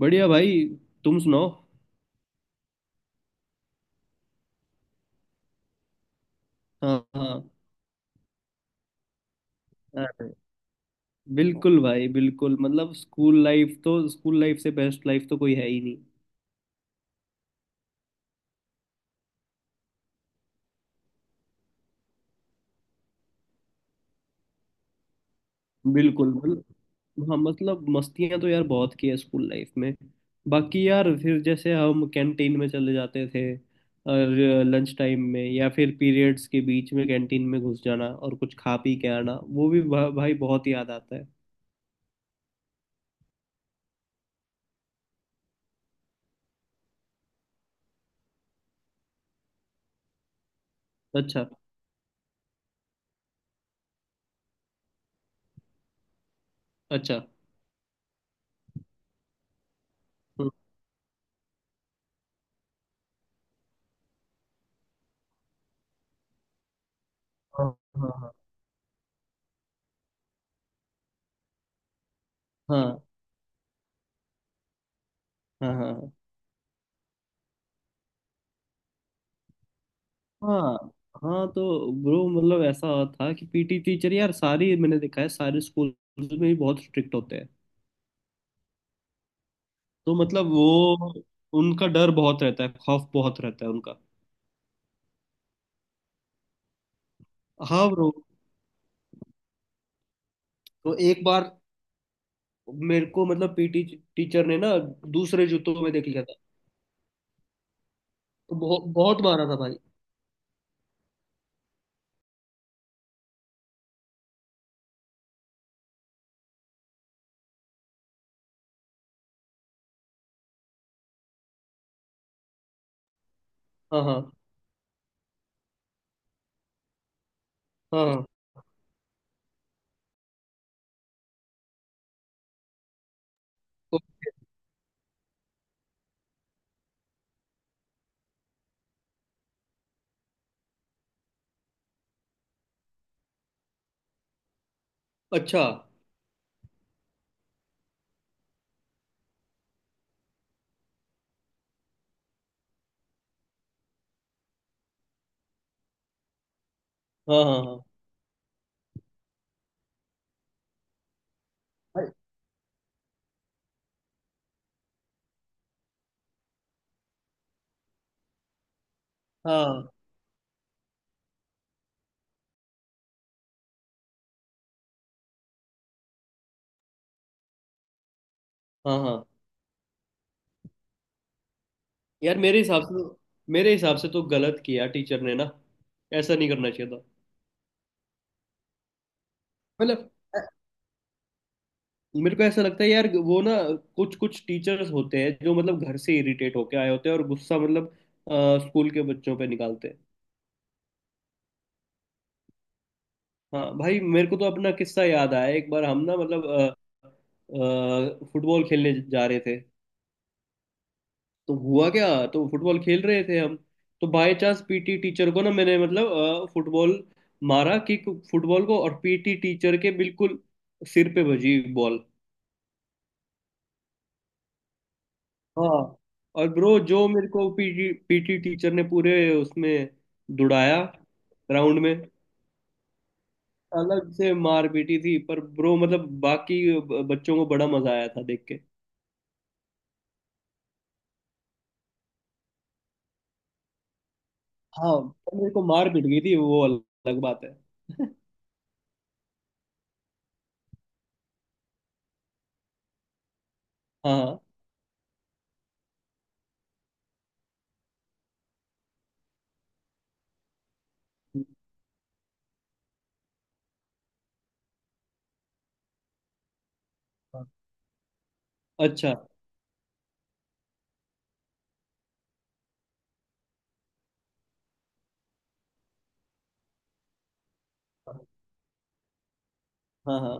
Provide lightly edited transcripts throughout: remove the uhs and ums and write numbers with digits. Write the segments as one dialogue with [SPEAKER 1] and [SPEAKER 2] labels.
[SPEAKER 1] बढ़िया भाई। तुम सुनाओ। हाँ, हाँ। अरे, बिल्कुल भाई बिल्कुल, मतलब स्कूल लाइफ तो, स्कूल लाइफ से बेस्ट लाइफ तो कोई है ही नहीं। बिल्कुल, मतलब, हाँ, मतलब मस्तियां तो यार बहुत की है स्कूल लाइफ में। बाकी यार फिर जैसे हम कैंटीन में चले जाते थे, और लंच टाइम में या फिर पीरियड्स के बीच में कैंटीन में घुस जाना और कुछ खा पी के आना वो भी भाई बहुत याद आता है। अच्छा। अच्छा। हम्म, हाँ, हाँ, हाँ, हाँ, हाँ, हाँ, हाँ, हाँ। तो ब्रो मतलब ऐसा था कि पीटी टीचर यार, सारी मैंने देखा है, सारे स्कूल में ही बहुत स्ट्रिक्ट होते हैं। तो मतलब वो, उनका डर बहुत रहता है, खौफ बहुत रहता है उनका। हाँ ब्रो, तो एक बार मेरे को मतलब पीटी टीचर ने ना दूसरे जूतों में देख लिया था। तो बहुत बहुत मारा था भाई। हाँ, हाँ। हाँ, हाँ। तो- अच्छा। हाँ, हाँ, हाँ। भाई, हाँ, हाँ, हाँ। यार मेरे हिसाब से तो गलत किया टीचर ने ना, ऐसा नहीं करना चाहिए था। मतलब मेरे को ऐसा लगता है यार, वो ना कुछ कुछ टीचर्स होते हैं जो मतलब घर से इरिटेट होके आए होते हैं और गुस्सा मतलब स्कूल के बच्चों पे निकालते हैं। हाँ भाई, मेरे को तो अपना किस्सा याद आया। एक बार हम ना मतलब फुटबॉल खेलने जा रहे थे। तो हुआ क्या, तो फुटबॉल खेल रहे थे हम। तो बाय चांस पीटी टीचर को ना मैंने मतलब फुटबॉल मारा कि, फुटबॉल को, और पीटी टीचर के बिल्कुल सिर पे बजी बॉल। हाँ। और ब्रो जो मेरे को पीटी पीटी टीचर ने पूरे उसमें दुड़ाया ग्राउंड में। अलग से मार पीटी थी, पर ब्रो मतलब बाकी बच्चों को बड़ा मजा आया था देख के। हाँ, पर मेरे को मार पीट गई थी वो अलग बात है। हाँ, हाँ। अच्छा। हाँ, हाँ।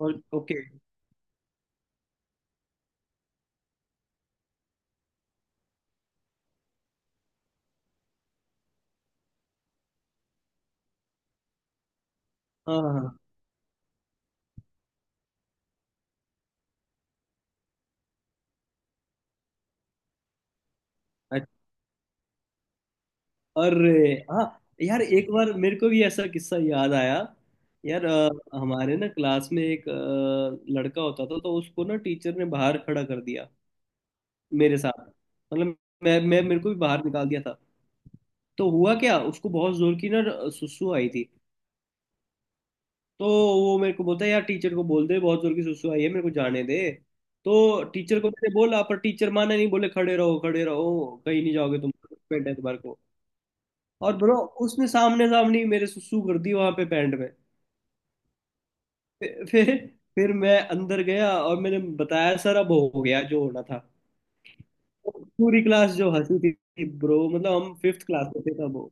[SPEAKER 1] और ओके। हाँ, हाँ, हाँ। अरे, हाँ। यार एक बार मेरे को भी ऐसा किस्सा याद आया। यार हमारे ना क्लास में एक लड़का होता था, तो उसको ना टीचर ने बाहर खड़ा कर दिया मेरे साथ, मतलब मैं मेरे को भी बाहर निकाल दिया था। तो हुआ क्या, उसको बहुत जोर की ना सुसु आई थी। तो वो मेरे को बोलता है, यार टीचर को बोल दे, बहुत जोर की सुसु आई है मेरे को, जाने दे। तो टीचर को मैंने बोला, पर टीचर माने नहीं, बोले खड़े रहो, खड़े रहो, कहीं नहीं जाओगे तुम। पेट है तुम्हारे को। और ब्रो, उसने सामने सामने ही मेरे सुसु कर दी वहां पे पैंट। फिर फिर फिर मैं अंदर गया और मैंने बताया सर, अब हो गया जो होना था। पूरी क्लास जो हंसी थी ब्रो, मतलब हम फिफ्थ क्लास में थे तब वो।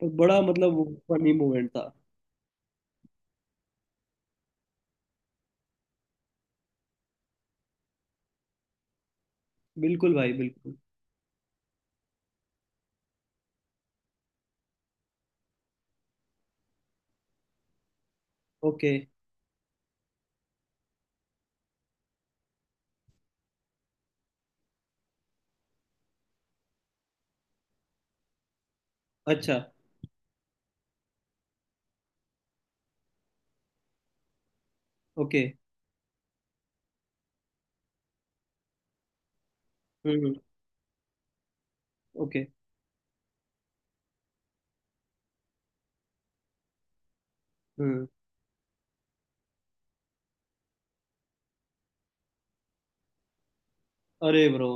[SPEAKER 1] तो बड़ा मतलब वो फनी मोमेंट था। बिल्कुल भाई बिल्कुल। ओके। अच्छा। ओके। हम्म। ओके। हम्म। अरे ब्रो।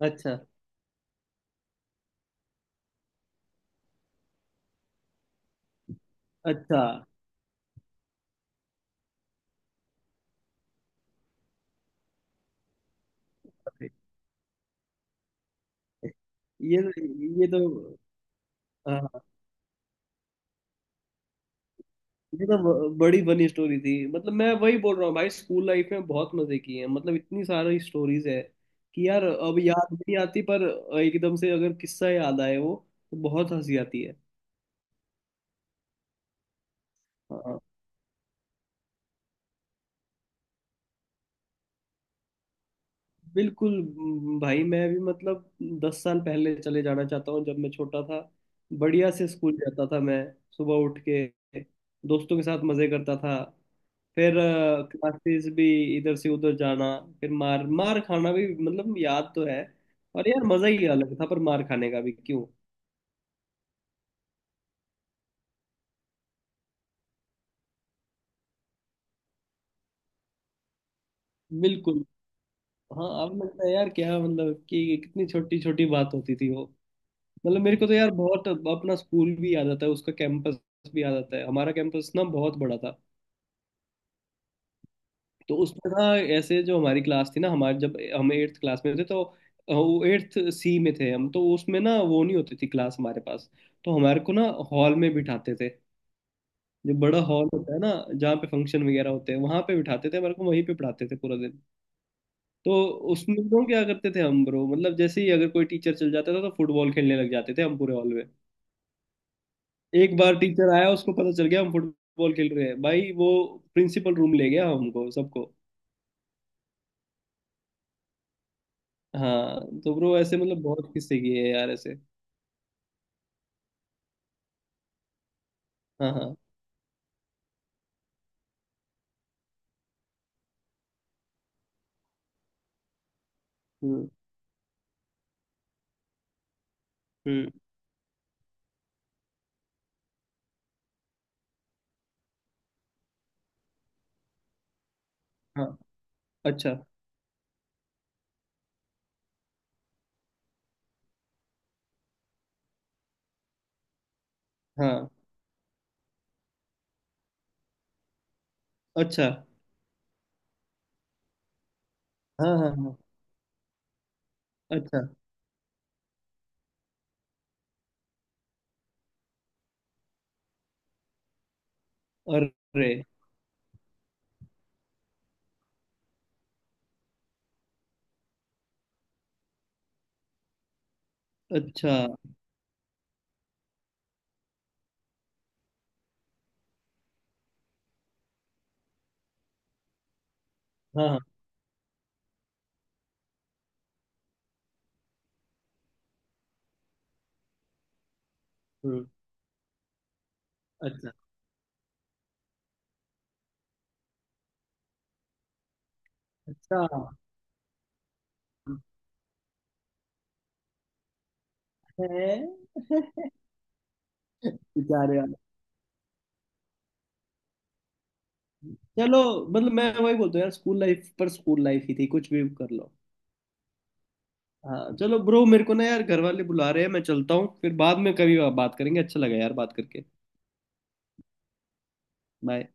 [SPEAKER 1] अच्छा। अच्छा। अरे, ये तो, ये तो हाँ, ये तो बड़ी फनी स्टोरी थी। मतलब मैं वही बोल रहा हूँ भाई, स्कूल लाइफ में बहुत मजे किए हैं, मतलब इतनी सारी स्टोरीज है कि यार अब याद नहीं आती, पर एकदम से अगर किस्सा याद आए वो तो बहुत हंसी आती है। हाँ, बिल्कुल। भाई, मैं भी मतलब 10 साल पहले चले जाना चाहता हूँ जब मैं छोटा था। बढ़िया से स्कूल जाता था मैं, सुबह उठ के दोस्तों के साथ मजे करता था। फिर क्लासेस भी, इधर से उधर जाना, फिर मार मार खाना भी, मतलब याद तो है। और यार मजा ही अलग था, पर मार खाने का भी, क्यों। बिल्कुल। हाँ, अब लगता है यार क्या, मतलब कि कितनी छोटी छोटी बात होती थी वो। मतलब मेरे को तो यार बहुत अपना स्कूल भी याद आता है, उसका कैंपस भी याद आता है। हमारा कैंपस ना बहुत बड़ा था। तो उसमें ना, ऐसे जो हमारी क्लास थी ना, हमारे जब हम एट्थ क्लास में थे तो वो एट्थ सी में थे हम, तो उसमें ना वो नहीं होती थी क्लास हमारे पास। तो हमारे को ना हॉल में बिठाते थे। जो बड़ा हॉल होता है ना, जहाँ पे फंक्शन वगैरह होते हैं, वहां पे बिठाते थे मेरे को, वहीं पे पढ़ाते थे पूरा दिन। तो उसमें तो क्या करते थे हम ब्रो, मतलब जैसे ही अगर कोई टीचर चल जाता था तो फुटबॉल खेलने लग जाते थे हम पूरे हॉल में। एक बार टीचर आया, उसको पता चल गया हम फुटबॉल खेल रहे हैं भाई, वो प्रिंसिपल रूम ले गया हमको सबको। हाँ तो ब्रो ऐसे मतलब बहुत किस्से किए हैं यार ऐसे। हाँ, हाँ। हम्म। हम्म। हाँ। अच्छा। हाँ। अच्छा। हाँ, हाँ, हाँ। अच्छा। अरे। अच्छा। हाँ, हाँ। हम्म। अच्छा। अच्छा। है। बेचारे यार। चलो, मतलब मैं वही बोलता हूँ यार, स्कूल लाइफ पर स्कूल लाइफ ही थी, कुछ भी कर लो। हाँ चलो ब्रो, मेरे को ना यार घर वाले बुला रहे हैं, मैं चलता हूँ, फिर बाद में कभी बात करेंगे। अच्छा लगा यार बात करके। बाय।